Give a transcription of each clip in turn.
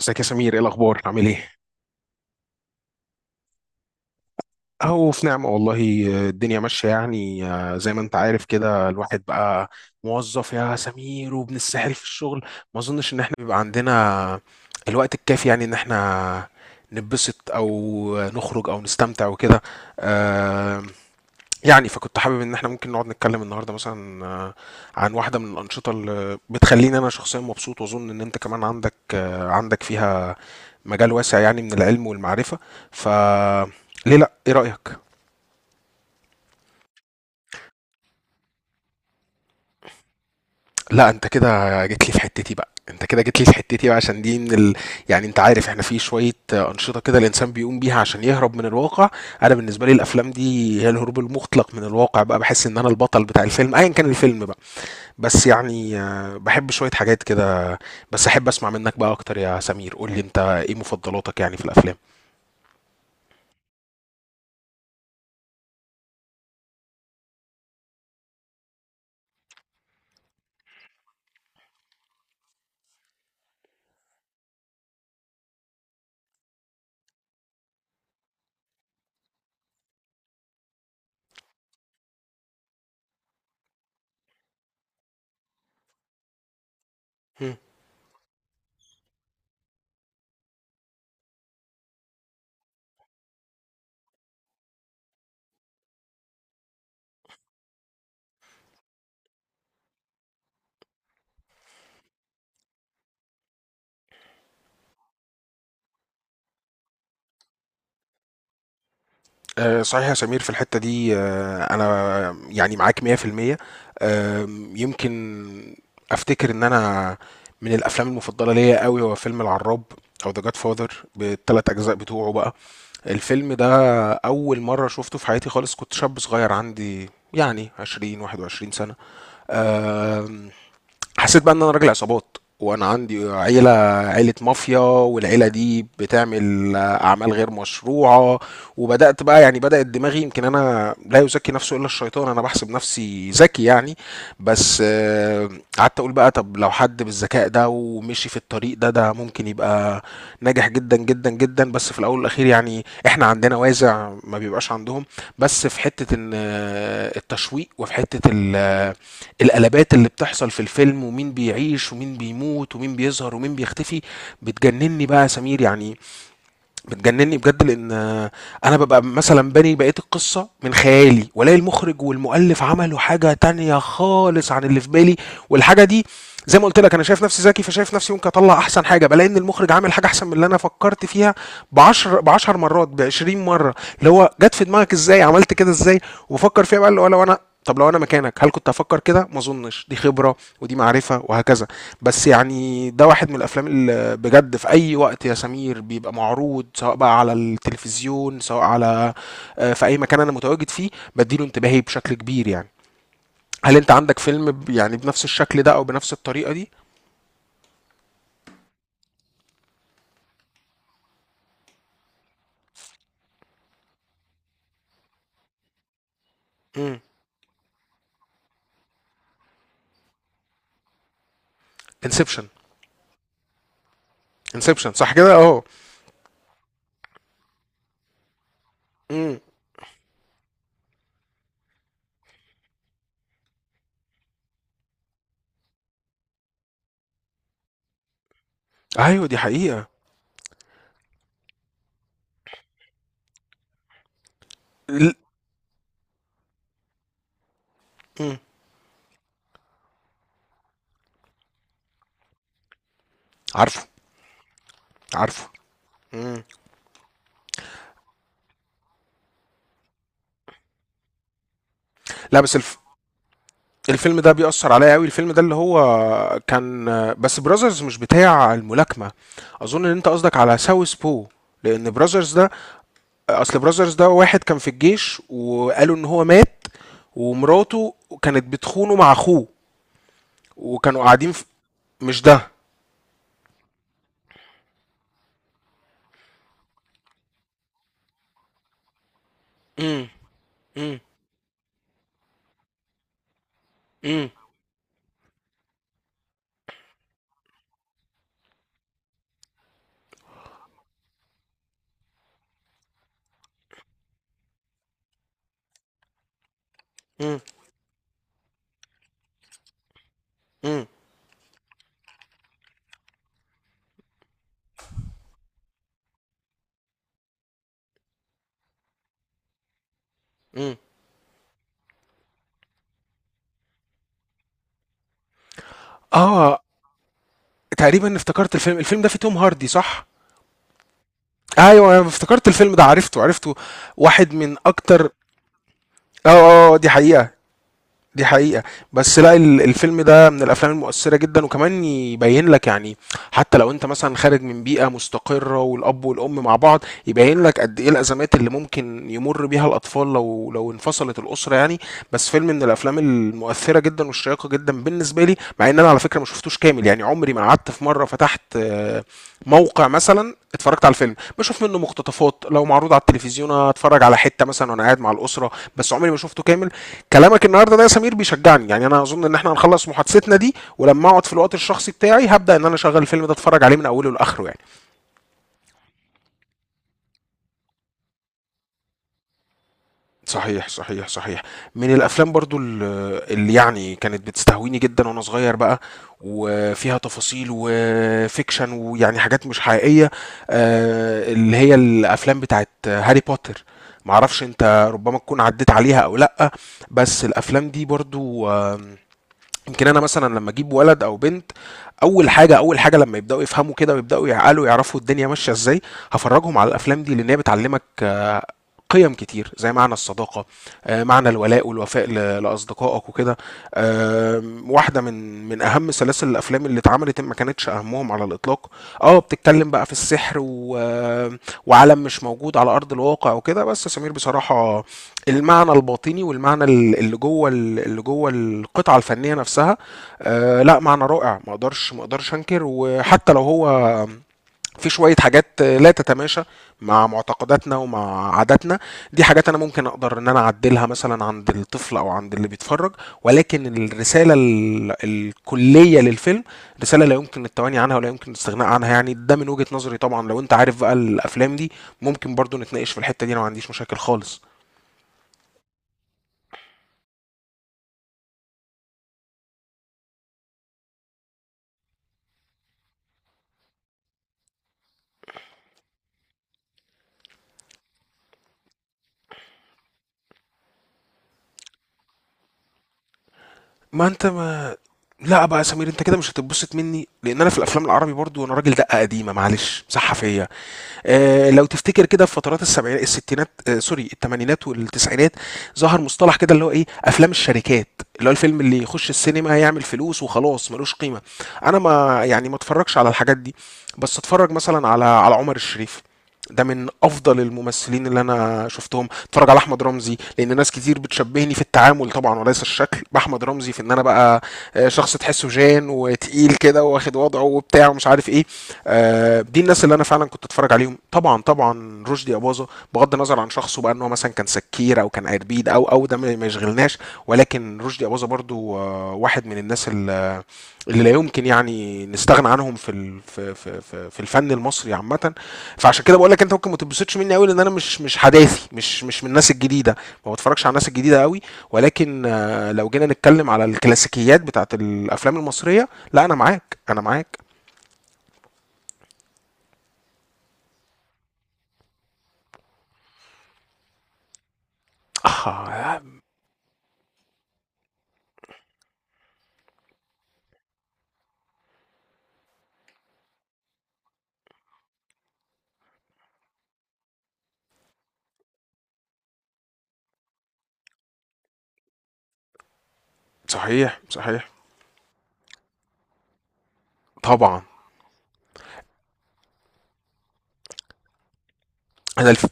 ازيك يا سمير؟ ايه الاخبار؟ عامل ايه؟ اهو في نعمه والله. الدنيا ماشيه يعني، زي ما انت عارف كده الواحد بقى موظف يا سمير وابن السحر في الشغل. ما اظنش ان احنا بيبقى عندنا الوقت الكافي يعني ان احنا نتبسط او نخرج او نستمتع وكده. آه، يعني فكنت حابب ان احنا ممكن نقعد نتكلم النهارده مثلا عن واحده من الانشطه اللي بتخليني انا شخصيا مبسوط، واظن ان انت كمان عندك عندك فيها مجال واسع يعني، من العلم والمعرفة. ف ليه لا؟ ايه رأيك؟ لا انت كده جيت لي في حتتي بقى، انت كده جيت لي في حتتي بقى عشان دي من يعني انت عارف احنا في شوية أنشطة كده الإنسان بيقوم بيها عشان يهرب من الواقع. انا بالنسبة لي الافلام دي هي الهروب المطلق من الواقع بقى. بحس ان انا البطل بتاع الفيلم ايا كان الفيلم بقى. بس يعني، بحب شوية حاجات كده. بس احب اسمع منك بقى اكتر يا سمير، قول لي انت ايه مفضلاتك يعني في الافلام؟ آه، صحيح يا سمير، في الحتة دي أنا يعني معاك 100%. يمكن أفتكر إن أنا من الأفلام المفضلة ليا قوي هو فيلم العراب، أو ذا جاد فاذر بالتلات أجزاء بتوعه بقى. الفيلم ده أول مرة شفته في حياتي خالص كنت شاب صغير عندي يعني 20 21 سنة. آم، حسيت بقى ان انا راجل عصابات وانا عندي عيله، عيله مافيا، والعيله دي بتعمل اعمال غير مشروعه. وبدات بقى، يعني بدات دماغي، يمكن انا، لا يزكي نفسه الا الشيطان، انا بحسب نفسي ذكي يعني. بس، قعدت اقول بقى، طب لو حد بالذكاء ده ومشي في الطريق ده، ده ممكن يبقى ناجح جدا جدا جدا. بس في الاول والاخير يعني احنا عندنا وازع ما بيبقاش عندهم. بس في حته ان التشويق، وفي حته القلبات اللي بتحصل في الفيلم، ومين بيعيش ومين بيموت ومين بيظهر ومين بيختفي، بتجنني بقى يا سمير يعني. بتجنني بجد. لان انا ببقى مثلا باني بقيه القصه من خيالي، والاقي المخرج والمؤلف عملوا حاجه تانية خالص عن اللي في بالي. والحاجه دي، زي ما قلت لك، انا شايف نفسي ذكي، فشايف نفسي ممكن اطلع احسن حاجه، بلاقي ان المخرج عامل حاجه احسن من اللي انا فكرت فيها ب 10، ب 10 مرات، ب 20 مره. اللي هو جت في دماغك ازاي؟ عملت كده ازاي؟ وبفكر فيها بقى اللي هو لو انا، طب لو انا مكانك هل كنت هفكر كده؟ ما اظنش. دي خبره ودي معرفه وهكذا. بس يعني ده واحد من الافلام، بجد في اي وقت يا سمير بيبقى معروض سواء بقى على التلفزيون، سواء على في اي مكان انا متواجد فيه، بديله انتباهي بشكل كبير يعني. هل انت عندك فيلم يعني بنفس الشكل ده او بنفس الطريقة دي؟ امم انسبشن. انسبشن، صح كده اهو. امم ايوه، دي حقيقة. ل- مم. عارفه، عارفه. مم. لا، بس الفيلم ده بيأثر عليا قوي. الفيلم ده اللي هو كان، بس براذرز مش بتاع الملاكمة. اظن ان انت قصدك على ساوث بو، لان براذرز ده، اصل براذرز ده واحد كان في الجيش وقالوا ان هو مات، ومراته كانت بتخونه مع اخوه، وكانوا قاعدين في، مش ده. امم. امم. امم. امم. امم. امم. اه، تقريبا افتكرت الفيلم. الفيلم ده فيه توم هاردي صح؟ ايوه انا افتكرت الفيلم ده، عرفته عرفته. واحد من اكتر. اه، اه، دي حقيقة. دي حقيقة. بس لأ، الفيلم ده من الأفلام المؤثّرة جدًا، وكمان يبيّن لك يعني حتى لو أنت مثلًا خارج من بيئة مستقرة والأب والأم مع بعض، يبيّن لك قد إيه الأزمات اللي ممكن يمُر بيها الأطفال لو انفصلت الأسرة يعني. بس فيلم من الأفلام المؤثّرة جدًا والشيّقة جدًا بالنسبة لي، مع إن أنا على فكرة ما شُفتوش كامل. يعني عمري ما قعدت في مرّة فتحت موقع مثلًا اتفرّجت على الفيلم، باشوف منّه مقتطفات، لو معروض على التلفزيون أتفرّج على حتّة مثلًا وأنا قاعد مع الأسرة. بس عمري ما شُفته كامل. كلامك النهارده ده يا سمير بيشجعني، يعني انا اظن ان احنا هنخلص محادثتنا دي، ولما اقعد في الوقت الشخصي بتاعي هبدا ان انا اشغل الفيلم ده اتفرج عليه من اوله لاخره يعني. صحيح، صحيح، صحيح. من الافلام برضو اللي يعني كانت بتستهويني جدا وانا صغير بقى، وفيها تفاصيل وفيكشن ويعني حاجات مش حقيقيه، اللي هي الافلام بتاعت هاري بوتر. معرفش انت ربما تكون عديت عليها او لا. بس الافلام دي برضو، يمكن انا مثلا لما اجيب ولد او بنت، اول حاجه، اول حاجه لما يبداوا يفهموا كده ويبداوا يعقلوا يعرفوا الدنيا ماشيه ازاي، هفرجهم على الافلام دي لان هي بتعلمك قيم كتير، زي معنى الصداقة، معنى الولاء والوفاء لأصدقائك وكده. واحدة من أهم سلاسل الأفلام اللي اتعملت، ما كانتش أهمهم على الإطلاق. اه، بتتكلم بقى في السحر و... آه، وعالم مش موجود على أرض الواقع وكده. بس سمير بصراحة، المعنى الباطني، والمعنى اللي جوه القطعة الفنية نفسها، لا، معنى رائع. ما اقدرش انكر. وحتى لو هو في شوية حاجات لا تتماشى مع معتقداتنا ومع عاداتنا، دي حاجات انا ممكن اقدر ان انا اعدلها مثلا عند الطفل او عند اللي بيتفرج. ولكن الرسالة الكلية للفيلم، رسالة لا يمكن التواني عنها ولا يمكن الاستغناء عنها يعني. ده من وجهة نظري طبعا. لو انت عارف بقى الافلام دي ممكن برضو نتناقش في الحتة دي، انا ما عنديش مشاكل خالص. ما انت ما لا بقى يا سمير، انت كده مش هتتبسط مني لان انا في الافلام العربي برضو انا راجل دقه قديمه، معلش، مسحه فيا. لو تفتكر كده في فترات السبعينات، الستينات، سوري، الثمانينات والتسعينات، ظهر مصطلح كده اللي هو ايه، افلام الشركات، اللي هو الفيلم اللي يخش السينما يعمل فلوس وخلاص ملوش قيمة. انا ما، يعني، ما اتفرجش على الحاجات دي. بس اتفرج مثلا على عمر الشريف. ده من افضل الممثلين اللي انا شفتهم. اتفرج على احمد رمزي لان ناس كتير بتشبهني في التعامل طبعا، وليس الشكل، باحمد رمزي، في ان انا بقى شخص تحسه جان وتقيل كده، واخد وضعه وبتاع ومش عارف ايه. دي الناس اللي انا فعلا كنت اتفرج عليهم. طبعا، طبعا رشدي اباظه، بغض النظر عن شخصه بقى، ان هو مثلا كان سكير او كان قربيد، او ده ما يشغلناش. ولكن رشدي اباظه برضو واحد من الناس اللي لا يمكن يعني نستغنى عنهم في ال... في في في في الفن المصري عامة. فعشان كده بقول لك انت ممكن ما تتبسطش مني قوي لان انا مش حداثي، مش من الناس الجديدة. ما بتفرجش على الناس الجديدة قوي. ولكن لو جينا نتكلم على الكلاسيكيات بتاعت الافلام المصرية، لا، انا معاك، انا معاك. اه، صحيح، صحيح. طبعا. انا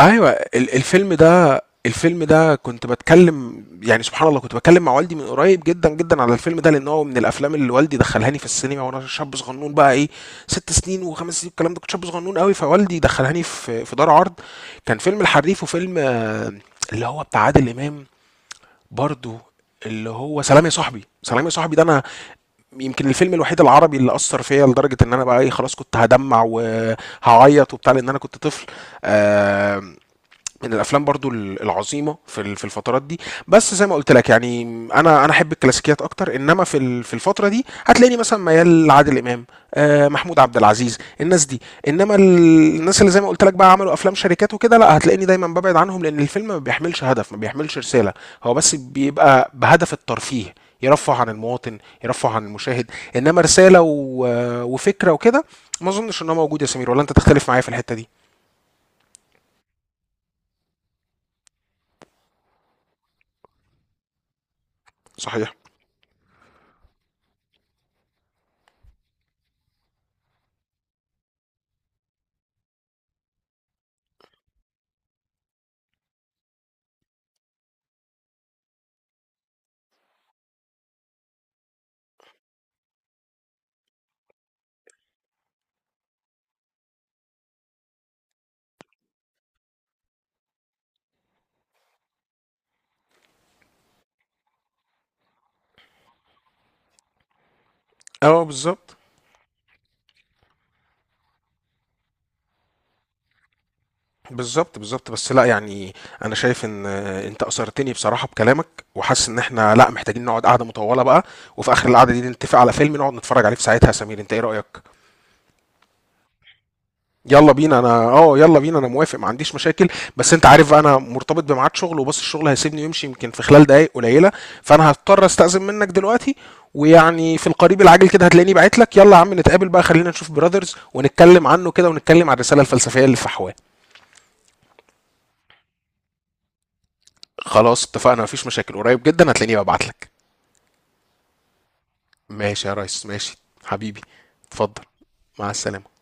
أيوه، ال الفيلم ده الفيلم ده كنت باتكلم، يعني سبحان الله كنت باتكلم مع والدي من قريب جدًا، جدًا، على الفيلم ده، لأن هو من الأفلام اللي والدي دخّلهاني في السينما وأنا شاب صغنون بقى إيه، 6 سنين و5 سنين والكلام ده. كنت شاب صغنون أوي، فوالدي دخّلهاني في دار عرض، كان فيلم الحريف وفيلم اللي هو بتاع عادل إمام برضه، اللي هو سلام يا صاحبي. سلام يا صاحبي ده أنا يمكن الفيلم الوحيد العربي اللي أثّر فيّا لدرجة إن أنا بقى إيه، خلاص كنت هادمّع وهاعيّط وبتاع لأن أنا كنت طفل. آمم من الافلام برضو العظيمه في الفترات دي. بس زي ما قلت لك يعني، انا احب الكلاسيكيات اكتر. انما في الفتره دي هتلاقيني مثلا ميال لعادل امام، محمود عبد العزيز، الناس دي. انما الناس اللي زي ما قلت لك بقى عملوا افلام شركات وكده، لا هتلاقيني دايما ببعد عنهم لان الفيلم ما بيحملش هدف، ما بيحملش رساله. هو بس بيبقى بهدف الترفيه، يرفه عن المواطن، يرفه عن المشاهد. انما رساله وفكره وكده، ما اظنش انها موجوده يا سمير. ولا انت تختلف معايا في الحته دي؟ صحيح. اه، بالظبط، بالظبط، بالظبط. بس لا يعني، انا شايف ان انت اثرتني بصراحه بكلامك. وحاسس ان احنا لا، محتاجين نقعد قعده مطوله بقى، وفي اخر القعده دي نتفق على فيلم نقعد نتفرج عليه في ساعتها. يا سمير انت ايه رايك؟ يلا بينا. انا، اه، يلا بينا، انا موافق ما عنديش مشاكل. بس انت عارف بقى انا مرتبط بميعاد شغل، وبص الشغل هيسيبني ويمشي يمكن في خلال دقائق قليله. فانا هضطر استأذن منك دلوقتي. ويعني في القريب العاجل كده هتلاقيني بعت لك، يلا يا عم نتقابل بقى، خلينا نشوف براذرز ونتكلم عنه كده، ونتكلم عن الرساله الفلسفيه اللي في أحواه. خلاص اتفقنا، مفيش مشاكل، قريب جدا هتلاقيني ببعتلك. ماشي يا ريس، ماشي، حبيبي. اتفضل. مع السلامة.